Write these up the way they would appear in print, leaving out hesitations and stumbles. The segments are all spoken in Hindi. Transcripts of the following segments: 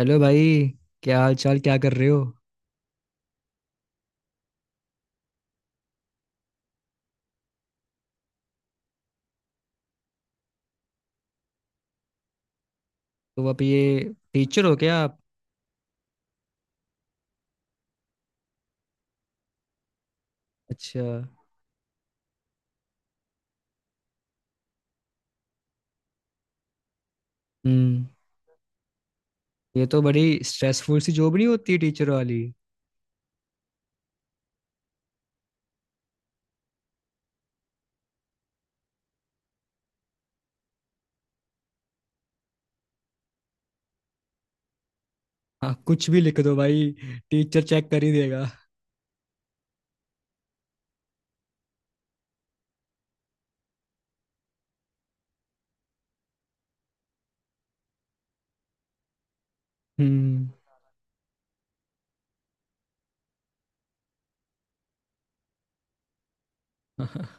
हेलो भाई। क्या हाल चाल, क्या कर रहे हो? तो आप ये टीचर हो क्या आप? अच्छा। हम्म। ये तो बड़ी स्ट्रेसफुल सी जॉब नहीं होती टीचर वाली? हाँ, कुछ भी लिख दो भाई। टीचर चेक कर ही देगा। हम्म।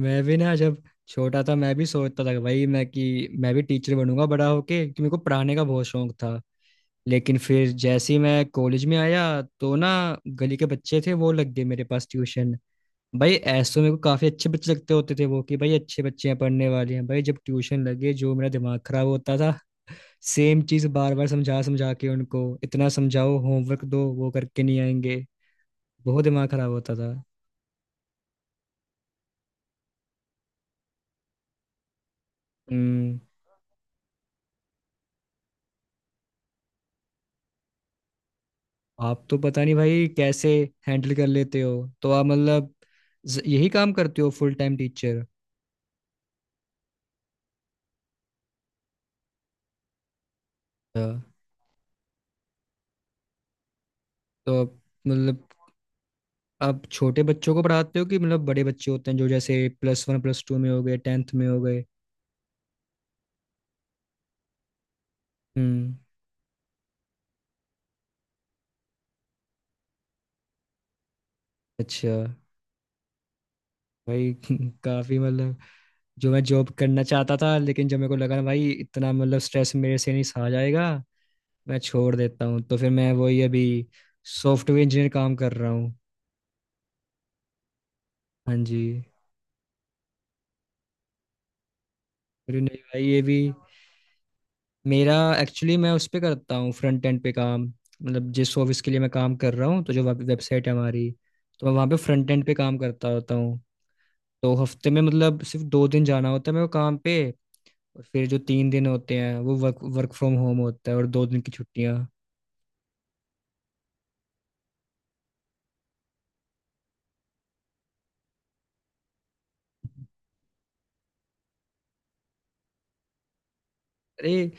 मैं भी ना, जब छोटा था, मैं भी सोचता था कि भाई मैं भी टीचर बनूंगा बड़ा होके, क्योंकि मेरे को पढ़ाने का बहुत शौक था। लेकिन फिर जैसे ही मैं कॉलेज में आया तो ना, गली के बच्चे थे वो लग गए मेरे पास ट्यूशन। भाई ऐसे तो मेरे को काफी अच्छे बच्चे लगते होते थे, वो कि भाई अच्छे बच्चे हैं, पढ़ने वाले हैं, भाई जब ट्यूशन लगे जो मेरा दिमाग खराब होता था। सेम चीज बार बार समझा समझा के उनको इतना समझाओ, होमवर्क दो वो करके नहीं आएंगे। बहुत दिमाग खराब होता था। हम्म। आप तो पता नहीं भाई कैसे हैंडल कर लेते हो। तो आप मतलब यही काम करते हो, फुल टाइम टीचर? तो आप मतलब आप छोटे बच्चों को पढ़ाते हो कि मतलब बड़े बच्चे होते हैं जो जैसे प्लस वन प्लस टू में हो गए, टेंथ में हो गए? हम्म। अच्छा। भाई काफी मतलब जो मैं जॉब करना चाहता था, लेकिन जब मेरे को लगा ना भाई इतना मतलब स्ट्रेस मेरे से नहीं सहा जाएगा, मैं छोड़ देता हूँ। तो फिर मैं वही अभी सॉफ्टवेयर इंजीनियर काम कर रहा हूँ। हाँ जी। अरे नहीं भाई ये भी मेरा एक्चुअली मैं उस पे करता हूँ फ्रंट एंड पे काम। मतलब जिस ऑफिस के लिए मैं काम कर रहा हूँ, तो जो वेबसाइट है हमारी, तो मैं वहाँ पे फ्रंट एंड पे काम करता होता हूँ। तो हफ्ते में मतलब सिर्फ 2 दिन जाना होता है मेरे को काम पे। और फिर जो 3 दिन होते हैं, वो वर्क वर्क फ्रॉम होम होता है, और 2 दिन की छुट्टियां। अरे।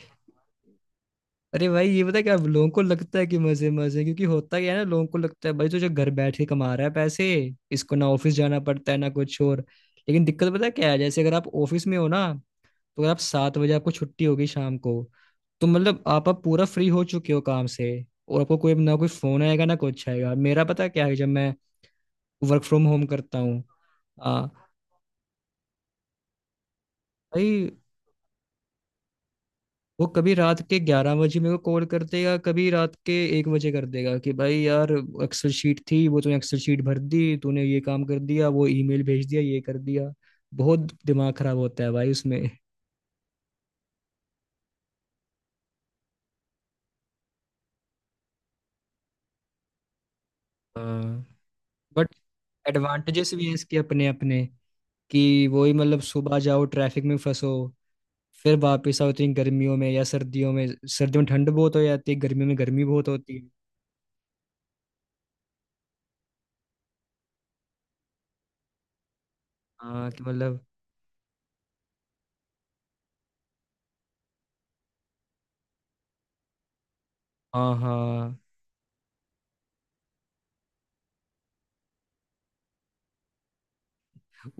अरे भाई ये पता है क्या, लोगों को लगता है कि मजे मजे, क्योंकि होता क्या है ना, लोगों को लगता है भाई तो जो घर बैठ के कमा रहा है पैसे, इसको ना ऑफिस जाना पड़ता है ना कुछ और। लेकिन दिक्कत पता है क्या है, जैसे अगर आप ऑफिस में हो ना, तो अगर आप 7 बजे आपको छुट्टी होगी शाम को, तो मतलब आप अब पूरा फ्री हो चुके हो काम से। और आपको कोई ना कोई फोन आएगा ना कुछ आएगा, मेरा पता क्या है जब मैं वर्क फ्रॉम होम करता हूँ। हाँ भाई। वो कभी रात के 11 बजे मेरे को कॉल कर देगा, कभी रात के 1 बजे कर देगा कि भाई यार एक्सेल शीट थी वो, तूने एक्सेल शीट भर दी, तूने ये काम कर दिया, वो ईमेल भेज दिया, ये कर दिया। बहुत दिमाग खराब होता है भाई उसमें। हाँ। बट एडवांटेजेस भी हैं इसके अपने अपने, कि वही मतलब सुबह जाओ, ट्रैफिक में फंसो, फिर वापस आओ, तो इन गर्मियों में या सर्दियों में, सर्दियों में ठंड बहुत हो जाती है, गर्मियों में गर्मी बहुत होती है। हाँ कि मतलब। हाँ, हाँ।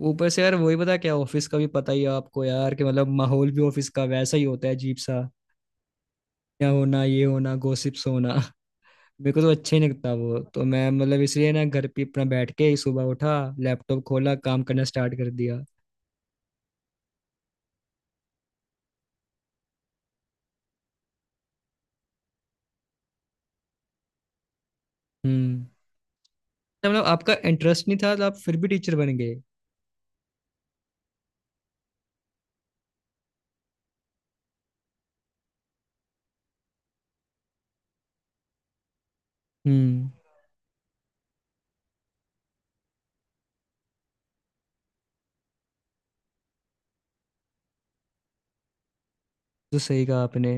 ऊपर से यार वही पता क्या, ऑफिस का भी पता ही है आपको यार, कि मतलब माहौल भी ऑफिस का वैसा ही होता है अजीब सा। क्या होना, ये होना, गॉसिप्स होना। मेरे को तो अच्छा ही नहीं लगता वो, तो मैं मतलब इसलिए ना घर पे अपना बैठ के ही सुबह उठा, लैपटॉप खोला, काम करना स्टार्ट कर दिया। हम्म। तो मतलब आपका इंटरेस्ट नहीं था तो आप फिर भी टीचर बन गए? हम्म। तो सही कहा आपने।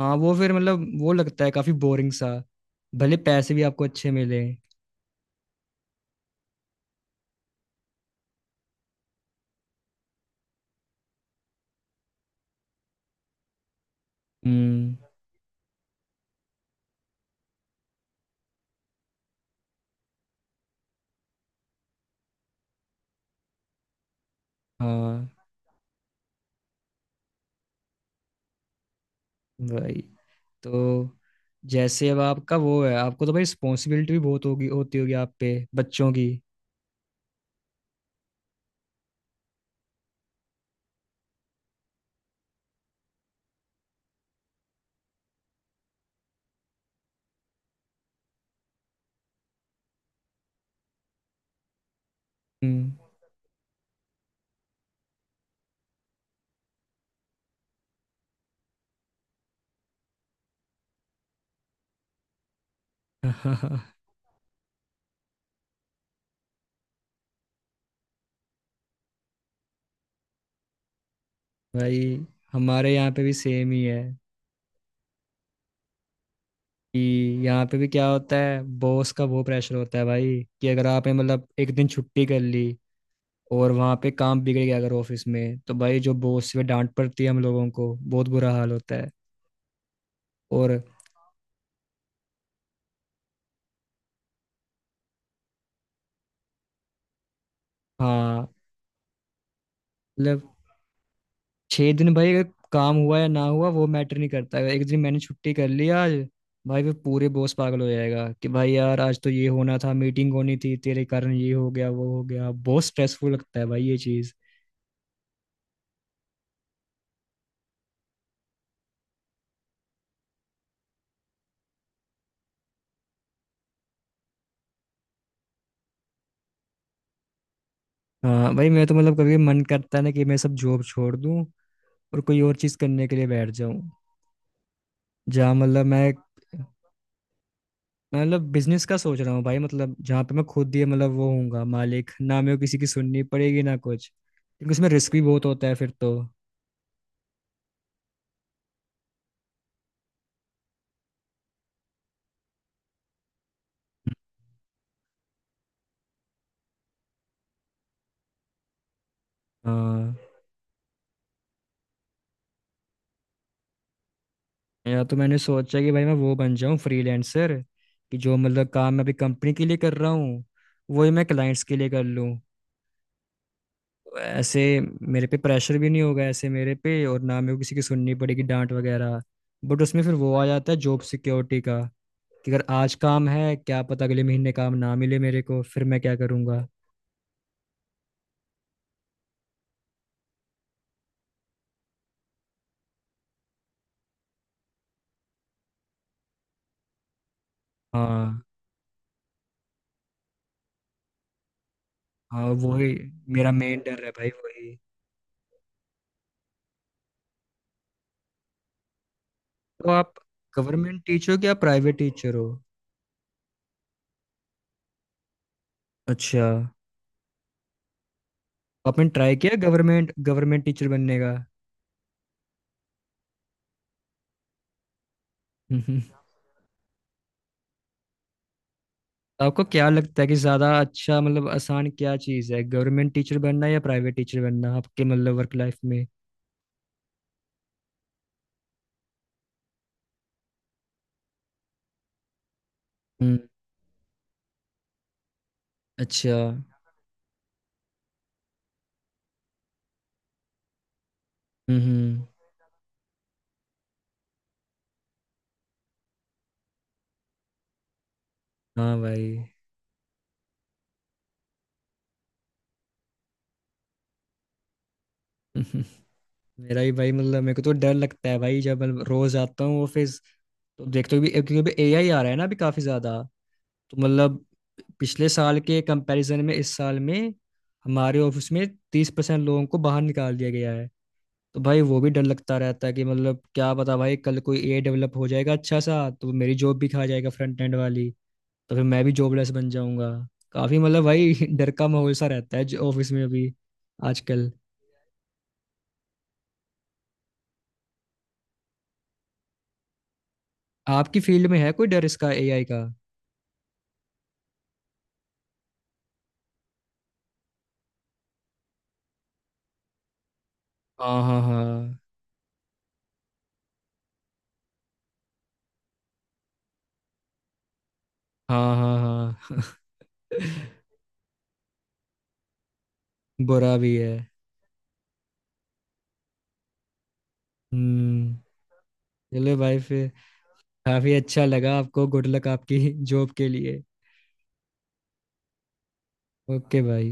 हाँ वो फिर मतलब वो लगता है काफी बोरिंग सा, भले पैसे भी आपको अच्छे मिले। हम्म। हाँ भाई। तो जैसे अब आपका वो है, आपको तो भाई रिस्पॉन्सिबिलिटी भी बहुत होगी होती होगी आप पे, बच्चों की। हम्म। भाई हमारे यहाँ पे भी सेम ही है, कि यहाँ पे भी क्या होता है, बॉस का वो प्रेशर होता है भाई, कि अगर आपने मतलब एक दिन छुट्टी कर ली और वहाँ पे काम बिगड़ गया अगर ऑफिस में, तो भाई जो बॉस से डांट पड़ती है, हम लोगों को बहुत बुरा हाल होता है। और हाँ मतलब 6 दिन भाई अगर काम हुआ या ना हुआ वो मैटर नहीं करता, अगर एक दिन मैंने छुट्टी कर ली आज, भाई वो पूरे बॉस पागल हो जाएगा कि भाई यार आज तो ये होना था, मीटिंग होनी थी, तेरे कारण ये हो गया वो हो गया, बहुत स्ट्रेसफुल लगता है भाई ये चीज़। हाँ भाई मैं तो मतलब कभी मन करता है ना कि मैं सब जॉब छोड़ दूँ और कोई और चीज़ करने के लिए बैठ जाऊँ, जहाँ मतलब मैं मतलब बिजनेस का सोच रहा हूँ भाई, मतलब जहाँ पे मैं खुद ही मतलब वो हूँगा मालिक, ना मेरे को किसी की सुननी पड़ेगी ना कुछ, क्योंकि उसमें रिस्क भी बहुत होता है फिर तो। हाँ। या तो मैंने सोचा कि भाई मैं वो बन जाऊं फ्रीलांसर, कि जो मतलब काम मैं अभी कंपनी के लिए कर रहा हूँ वही मैं क्लाइंट्स के लिए कर लूँ, ऐसे मेरे पे प्रेशर भी नहीं होगा ऐसे मेरे पे, और ना मेरे को किसी की सुननी पड़ेगी, डांट वगैरह। बट उसमें फिर वो आ जाता है जॉब सिक्योरिटी का, कि अगर आज काम है, क्या पता अगले महीने काम ना मिले मेरे को, फिर मैं क्या करूँगा? हाँ, हाँ, वही मेरा मेन डर है भाई, वही। तो आप गवर्नमेंट टीचर हो कि आप प्राइवेट टीचर हो? अच्छा। आपने ट्राई किया गवर्नमेंट गवर्नमेंट टीचर बनने का? हम्म। तो आपको क्या लगता है कि ज्यादा अच्छा मतलब आसान क्या चीज है, गवर्नमेंट टीचर बनना या प्राइवेट टीचर बनना, आपके मतलब वर्क लाइफ में? हम्म। अच्छा। हम्म। हाँ भाई। हम्म, मेरा भी भाई मतलब मेरे को तो डर लगता है भाई, जब मतलब रोज आता हूँ ऑफिस तो देखते हो भी, क्योंकि AI आ रहा है ना अभी काफी ज्यादा, तो मतलब पिछले साल के कंपैरिजन में इस साल में हमारे ऑफिस में 30% लोगों को बाहर निकाल दिया गया है। तो भाई वो भी डर लगता रहता है कि मतलब क्या पता भाई कल कोई ए डेवलप हो जाएगा अच्छा सा, तो मेरी जॉब भी खा जाएगा फ्रंट एंड वाली, तो फिर मैं भी जॉबलेस बन जाऊंगा। काफी मतलब भाई डर का माहौल सा रहता है जो ऑफिस में अभी आजकल। आपकी फील्ड में है कोई डर इसका AI का? हाँ, हाँ, हाँ, हाँ, हाँ, हाँ। बुरा भी है। हम्म। चलो भाई फिर। काफी अच्छा लगा आपको, गुड लक आपकी जॉब के लिए। ओके भाई।